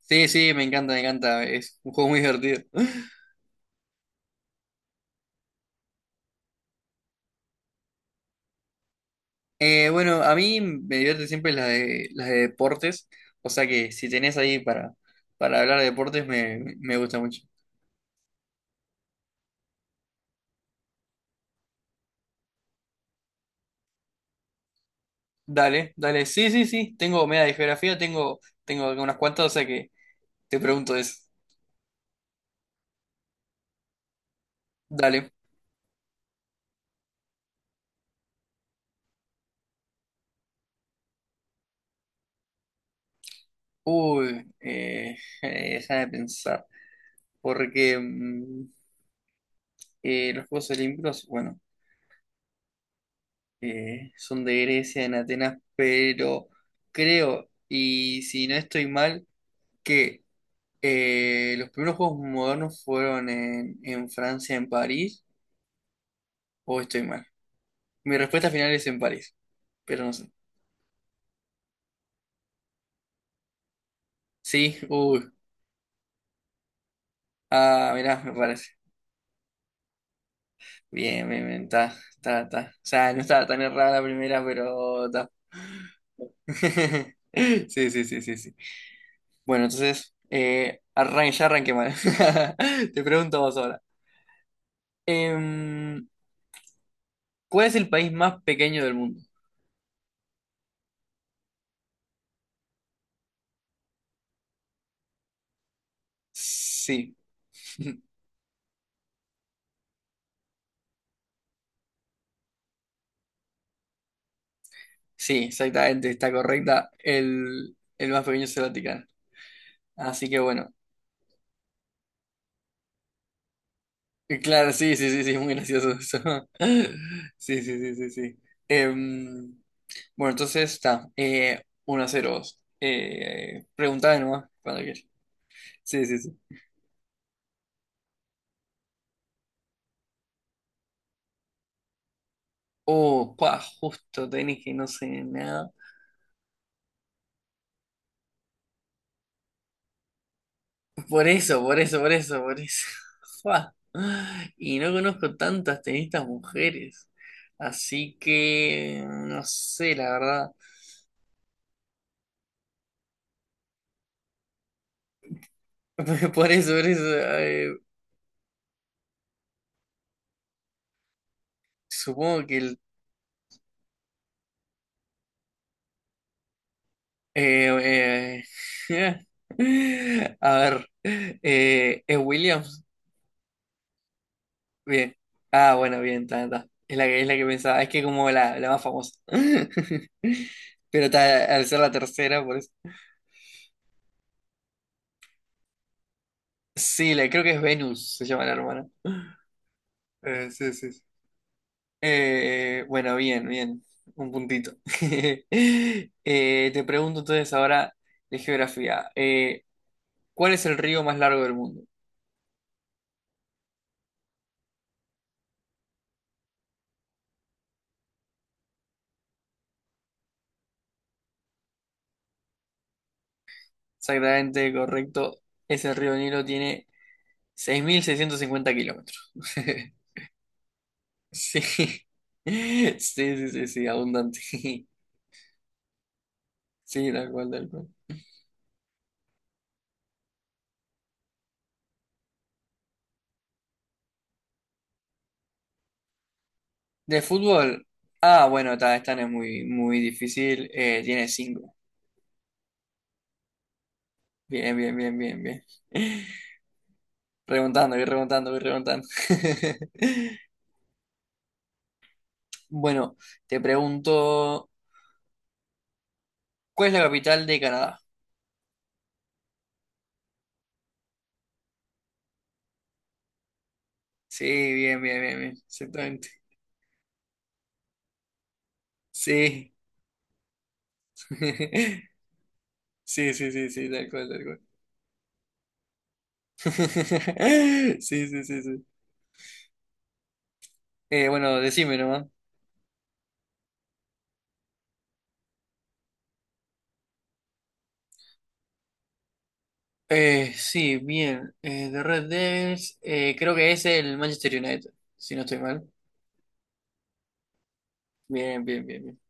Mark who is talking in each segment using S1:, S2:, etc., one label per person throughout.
S1: Sí, sí, me encanta, me encanta. Es un juego muy divertido. Bueno, a mí me divierte siempre las de deportes. O sea que si tenés ahí para hablar de deportes, me gusta mucho. Dale, dale. Sí, sí, sí. Tengo media de geografía, tengo unas cuantas, o sea que te pregunto eso. Dale. Uy, deja de pensar. Porque los Juegos Olímpicos, bueno, son de Grecia, en Atenas, pero creo, y si no estoy mal. Que los primeros juegos modernos fueron en Francia, en París, o estoy mal. Mi respuesta final es en París, pero no sé. Sí, uy. Ah, mirá, me parece. Bien, bien, bien, está, está, está. O sea, no estaba tan errada la primera, pero está. Sí, sí, sí, sí, sí. Bueno, entonces, ya arranqué mal. Te pregunto a vos ahora. Em, ¿Cuál es el país más pequeño del mundo? Sí. Sí, exactamente, está correcta. El más pequeño es el Vaticano. Así que bueno. Y claro, sí, sí, sí, sí, es muy gracioso eso. Sí, sí, sí, sí, sí. Em, bueno, entonces está. 1 a cero, vos. Preguntame nomás cuando quieras. Sí, sí, sí. Oh, pa, justo tenés que no sé nada. Por eso, por eso, por eso, por eso. Fua. Y no conozco tantas tenistas mujeres. Así que no sé, la verdad. Por por eso, eh, supongo que eh, a ver, ¿es Williams? Bien. Ah, bueno, bien, está, está. Es la que pensaba, es que como la más famosa. Pero está, al ser la tercera, por eso. Sí, creo que es Venus, se llama la hermana. Sí, sí. Sí. Bueno, bien, bien. Un puntito. Te pregunto entonces ahora de geografía. ¿Cuál es el río más largo del mundo? Exactamente correcto. Ese río Nilo tiene 6.650 kilómetros. Sí. Sí, sí, sí, sí, abundante. Sí, tal cual, tal cual. De fútbol. Ah, bueno, está, esta no es muy, muy difícil. Tiene 5. Bien, bien, bien, bien, bien. Remontando, voy remontando, voy remontando. Bueno, te pregunto, ¿cuál es la capital de Canadá? Sí, bien, bien, bien, bien. Exactamente. Sí. Sí, sí, sí, sí, tal cual, tal cual. Sí, sí, sí, sí. Bueno, decime nomás. Sí, bien. De Red Devils, creo que es el Manchester United, si no estoy mal. Bien, bien, bien, bien.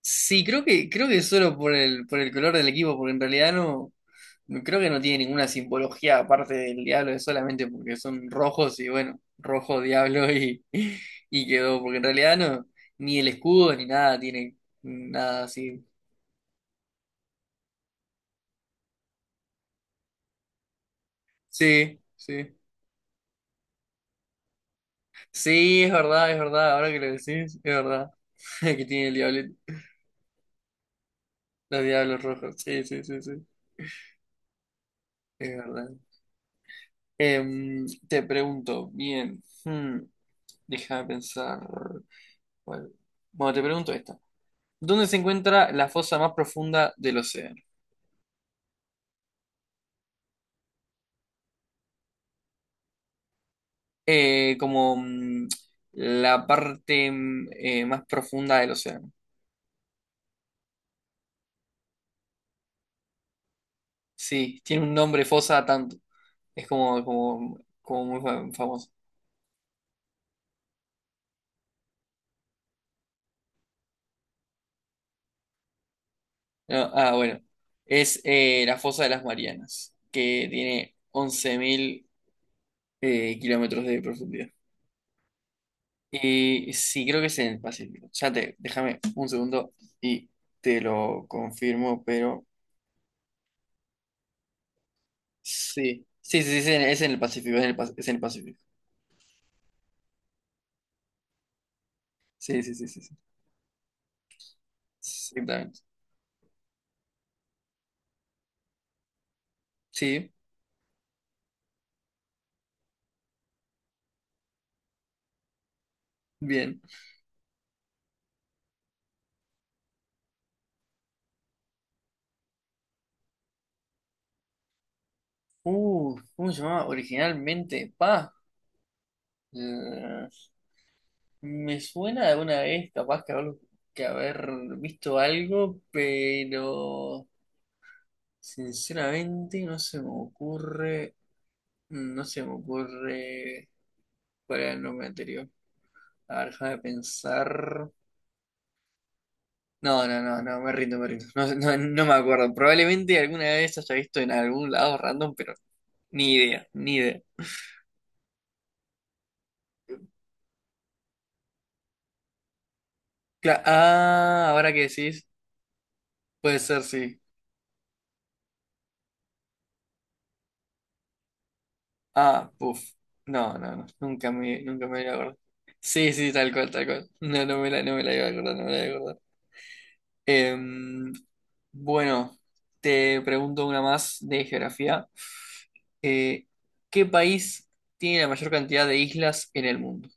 S1: Sí, creo que solo por por el color del equipo, porque en realidad creo que no tiene ninguna simbología aparte del diablo, es solamente porque son rojos y bueno, rojo, diablo y, y quedó, porque en realidad no, ni el escudo ni nada tiene nada así. Sí, sí. Sí, es verdad, es verdad. Ahora que lo decís, es verdad. Que tiene el diablo, los diablos rojos. Sí, sí, sí, sí. Es verdad. Te pregunto, bien. Déjame pensar. ¿Cuál? Bueno, te pregunto esta. ¿Dónde se encuentra la fosa más profunda del océano? Como la parte más profunda del océano. Sí, tiene un nombre fosa tanto. Es como muy famoso. No, ah, bueno. Es la fosa de las Marianas, que tiene 11.000 kilómetros de profundidad. Y sí, creo que es en el Pacífico. Déjame un segundo y te lo confirmo, pero sí. Sí, sí, sí, es en el Pacífico, es en el Pacífico. Sí, sí, sí, sí, sí. Exactamente. Sí, bien. ¿Cómo se llamaba originalmente? Pa. eh, Me suena de alguna vez, capaz que que haber visto algo, pero sinceramente no se me ocurre cuál era el nombre anterior. A ver, déjame pensar. No, no, no, no, me rindo, me rindo. No, no, no me acuerdo. Probablemente alguna vez haya visto en algún lado random, pero ni idea, ni idea. Ah, ahora que decís, puede ser, sí. Ah, puf. No, no, no. Nunca me la acordé. Sí, sí, tal cual, tal cual. No, no me la iba a acordar, no me la iba a acordar. Em, bueno, te pregunto una más de geografía. Eh, ¿Qué país tiene la mayor cantidad de islas en el mundo?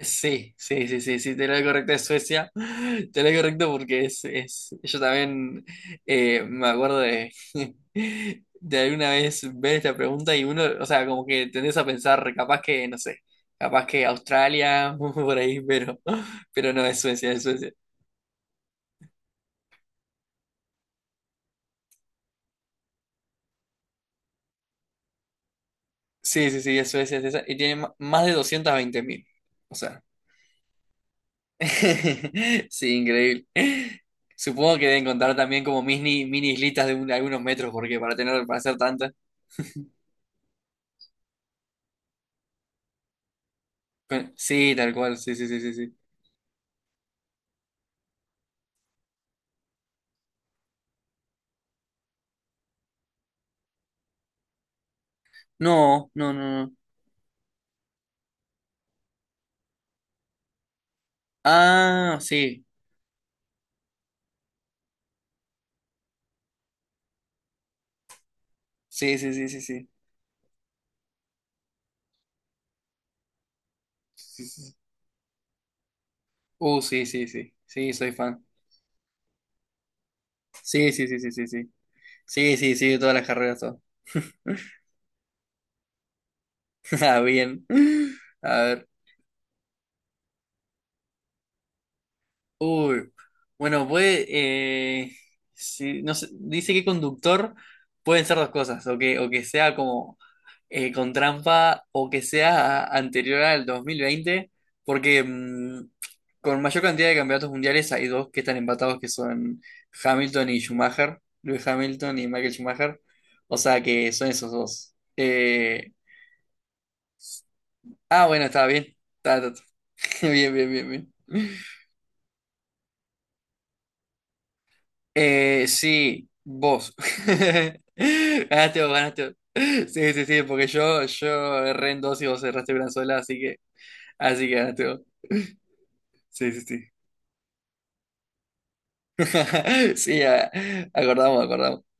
S1: Sí, sí, sí, sí, sí, tenés lo correcto de Suecia, tenés lo correcto porque es, yo también me acuerdo de alguna vez ver esta pregunta y uno, o sea, como que tendés a pensar, capaz que, no sé, capaz que Australia, por ahí, pero no, es Suecia, es Suecia. Sí, sí, sí, es Suecia, es esa, y tiene más de 220.000, o sea, sí, increíble. Supongo que deben contar también como mini, mini islitas algunos metros, porque para hacer tantas. Sí, tal cual, sí, sí, sí, sí, sí. No, no, no, no. Ah, sí, sí, sí, sí, sí, sí. Sí, sí. Sí. Sí, sí, sí, sí, soy fan. Sí, sí, sí, sí, sí, sí. Sí, sí, sí, de todas las carreras, todo. Ah, bien. A ver. Uy, bueno, puede, sí, no sé, dice que conductor pueden ser dos cosas, o que sea como con trampa, o que sea anterior al 2020 porque con mayor cantidad de campeonatos mundiales hay dos que están empatados, que son Hamilton y Schumacher, Lewis Hamilton y Michael Schumacher, o sea que son esos dos. Ah, bueno, estaba bien, está ta, ta. Bien, bien, bien, bien. Sí, vos. Ganaste vos, ganaste vos. Sí, sí, sí, porque yo erré en dos y vos erraste una sola, así que ganaste vos. Sí, sí, sí. Sí, acordamos, acordamos.